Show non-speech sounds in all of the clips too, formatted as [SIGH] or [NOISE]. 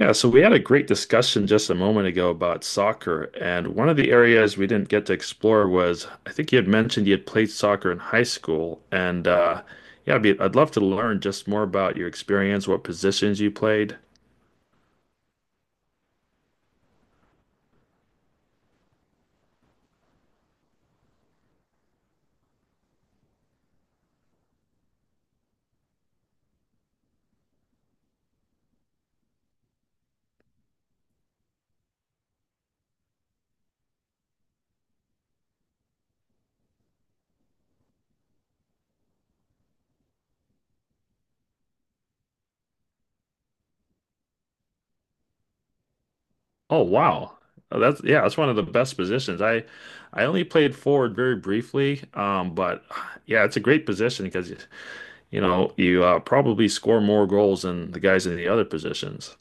Yeah, so we had a great discussion just a moment ago about soccer, and one of the areas we didn't get to explore was I think you had mentioned you had played soccer in high school, and yeah, I'd love to learn just more about your experience, what positions you played. Oh, wow. Oh, that's yeah, that's one of the best positions. I only played forward very briefly, but yeah, it's a great position because you know you probably score more goals than the guys in the other positions.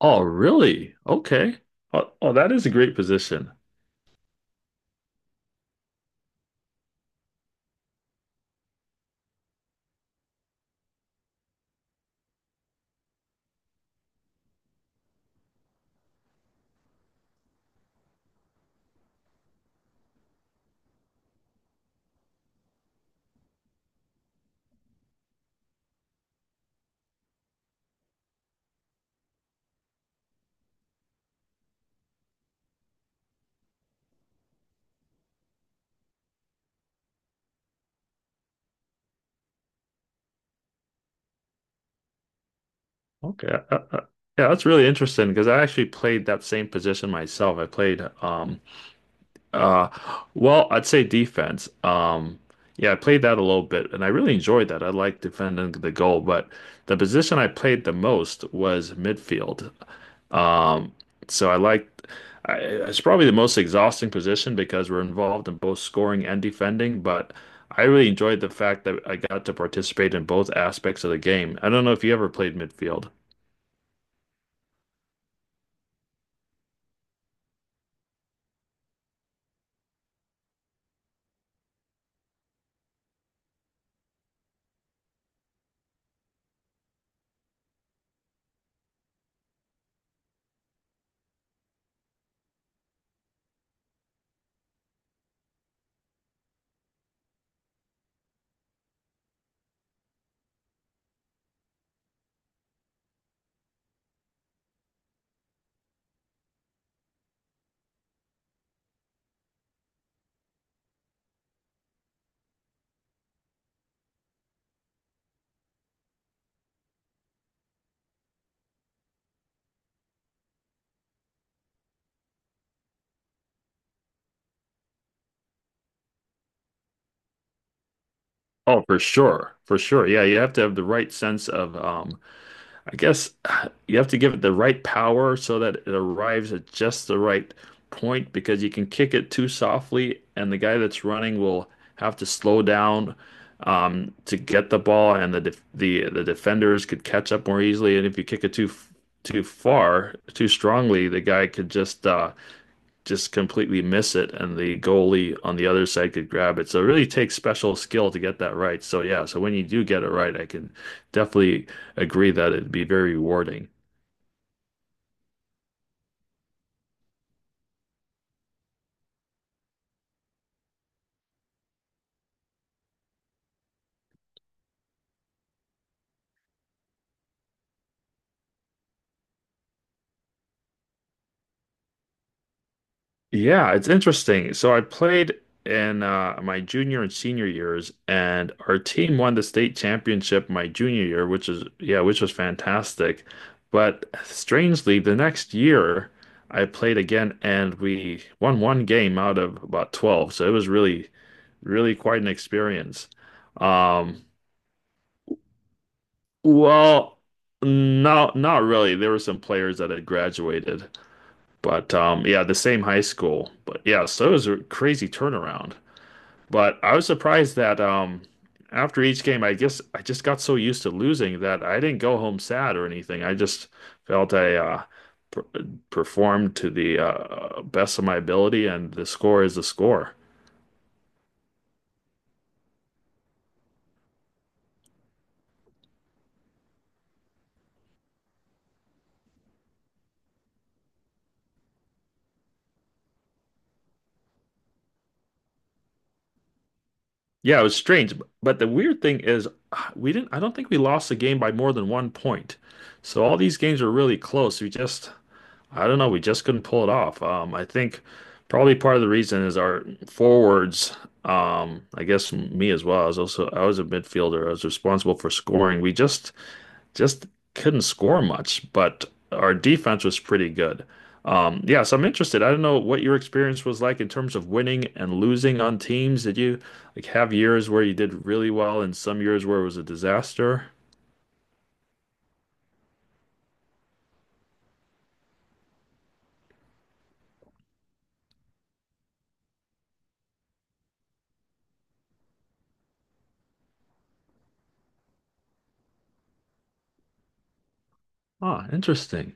Oh, really? Okay. Oh, oh, that is a great position. Okay. Yeah, that's really interesting because I actually played that same position myself. I played uh well, I'd say defense. Yeah, I played that a little bit and I really enjoyed that. I like defending the goal, but the position I played the most was midfield. Um, so it's probably the most exhausting position because we're involved in both scoring and defending, but I really enjoyed the fact that I got to participate in both aspects of the game. I don't know if you ever played midfield. Oh, for sure. For sure. Yeah, you have to have the right sense of I guess you have to give it the right power so that it arrives at just the right point because you can kick it too softly, and the guy that's running will have to slow down to get the ball, and the defenders could catch up more easily. And if you kick it too far, too strongly, the guy could just completely miss it and the goalie on the other side could grab it. So it really takes special skill to get that right. So yeah, so when you do get it right, I can definitely agree that it'd be very rewarding. Yeah, it's interesting. So I played in my junior and senior years, and our team won the state championship my junior year, which is yeah, which was fantastic. But strangely, the next year I played again, and we won one game out of about 12. So it was really quite an experience. Um, well, no, not really. There were some players that had graduated, but yeah, the same high school. But yeah, so it was a crazy turnaround. But I was surprised that after each game, I guess I just got so used to losing that I didn't go home sad or anything. I just felt I per performed to the best of my ability, and the score is the score. Yeah, it was strange. But the weird thing is, we didn't, I don't think we lost the game by more than 1 point. So all these games were really close. I don't know, we just couldn't pull it off. I think probably part of the reason is our forwards, I guess me as well. I was a midfielder. I was responsible for scoring. We just couldn't score much, but our defense was pretty good. Yeah, so I'm interested. I don't know what your experience was like in terms of winning and losing on teams. Did you like have years where you did really well and some years where it was a disaster? Ah, interesting.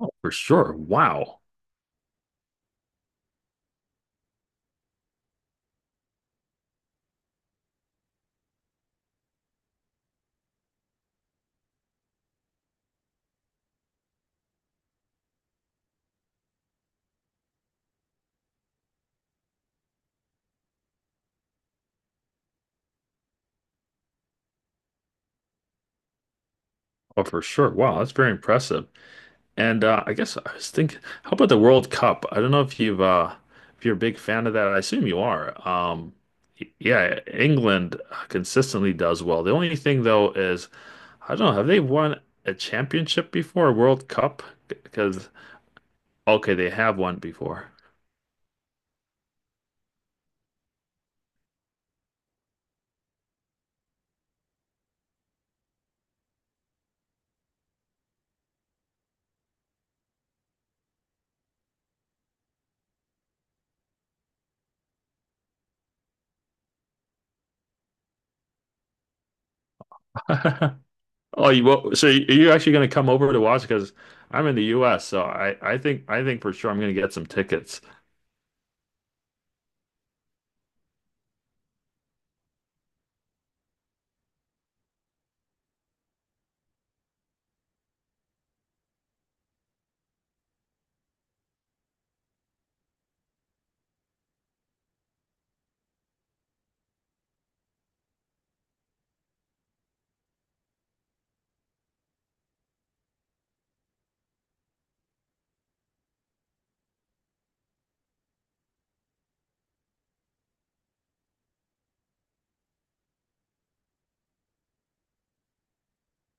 Oh, for sure. Wow. Oh, for sure. Wow, that's very impressive. And I guess I was thinking, how about the World Cup? I don't know if you've if you're a big fan of that. I assume you are. Yeah, England consistently does well. The only thing though is I don't know, have they won a championship before a World Cup? Because okay, they have won before. [LAUGHS] Oh, you're actually going to come over to watch? Because I'm in the U.S., so I think for sure I'm going to get some tickets.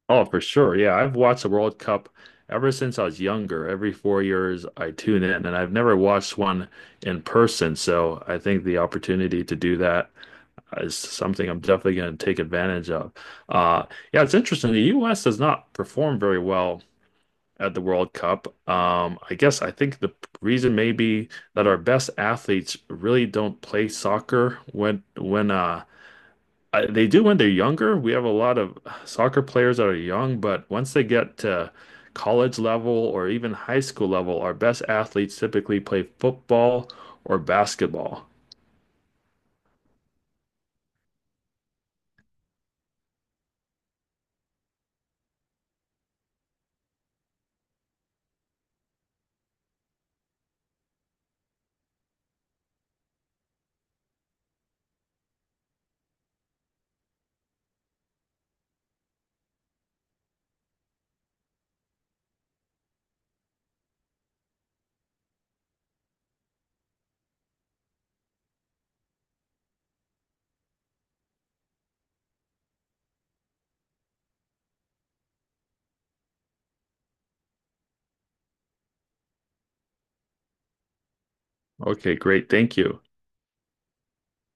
Oh, for sure. Yeah, I've watched the World Cup ever since I was younger. Every 4 years, I tune in, and I've never watched one in person. So I think the opportunity to do that is something I'm definitely going to take advantage of. Uh, yeah, it's interesting. The U.S. does not perform very well at the World Cup. I guess I think the reason may be that our best athletes really don't play soccer when they do when they're younger. We have a lot of soccer players that are young, but once they get to college level or even high school level, our best athletes typically play football or basketball. Okay, great. Thank you.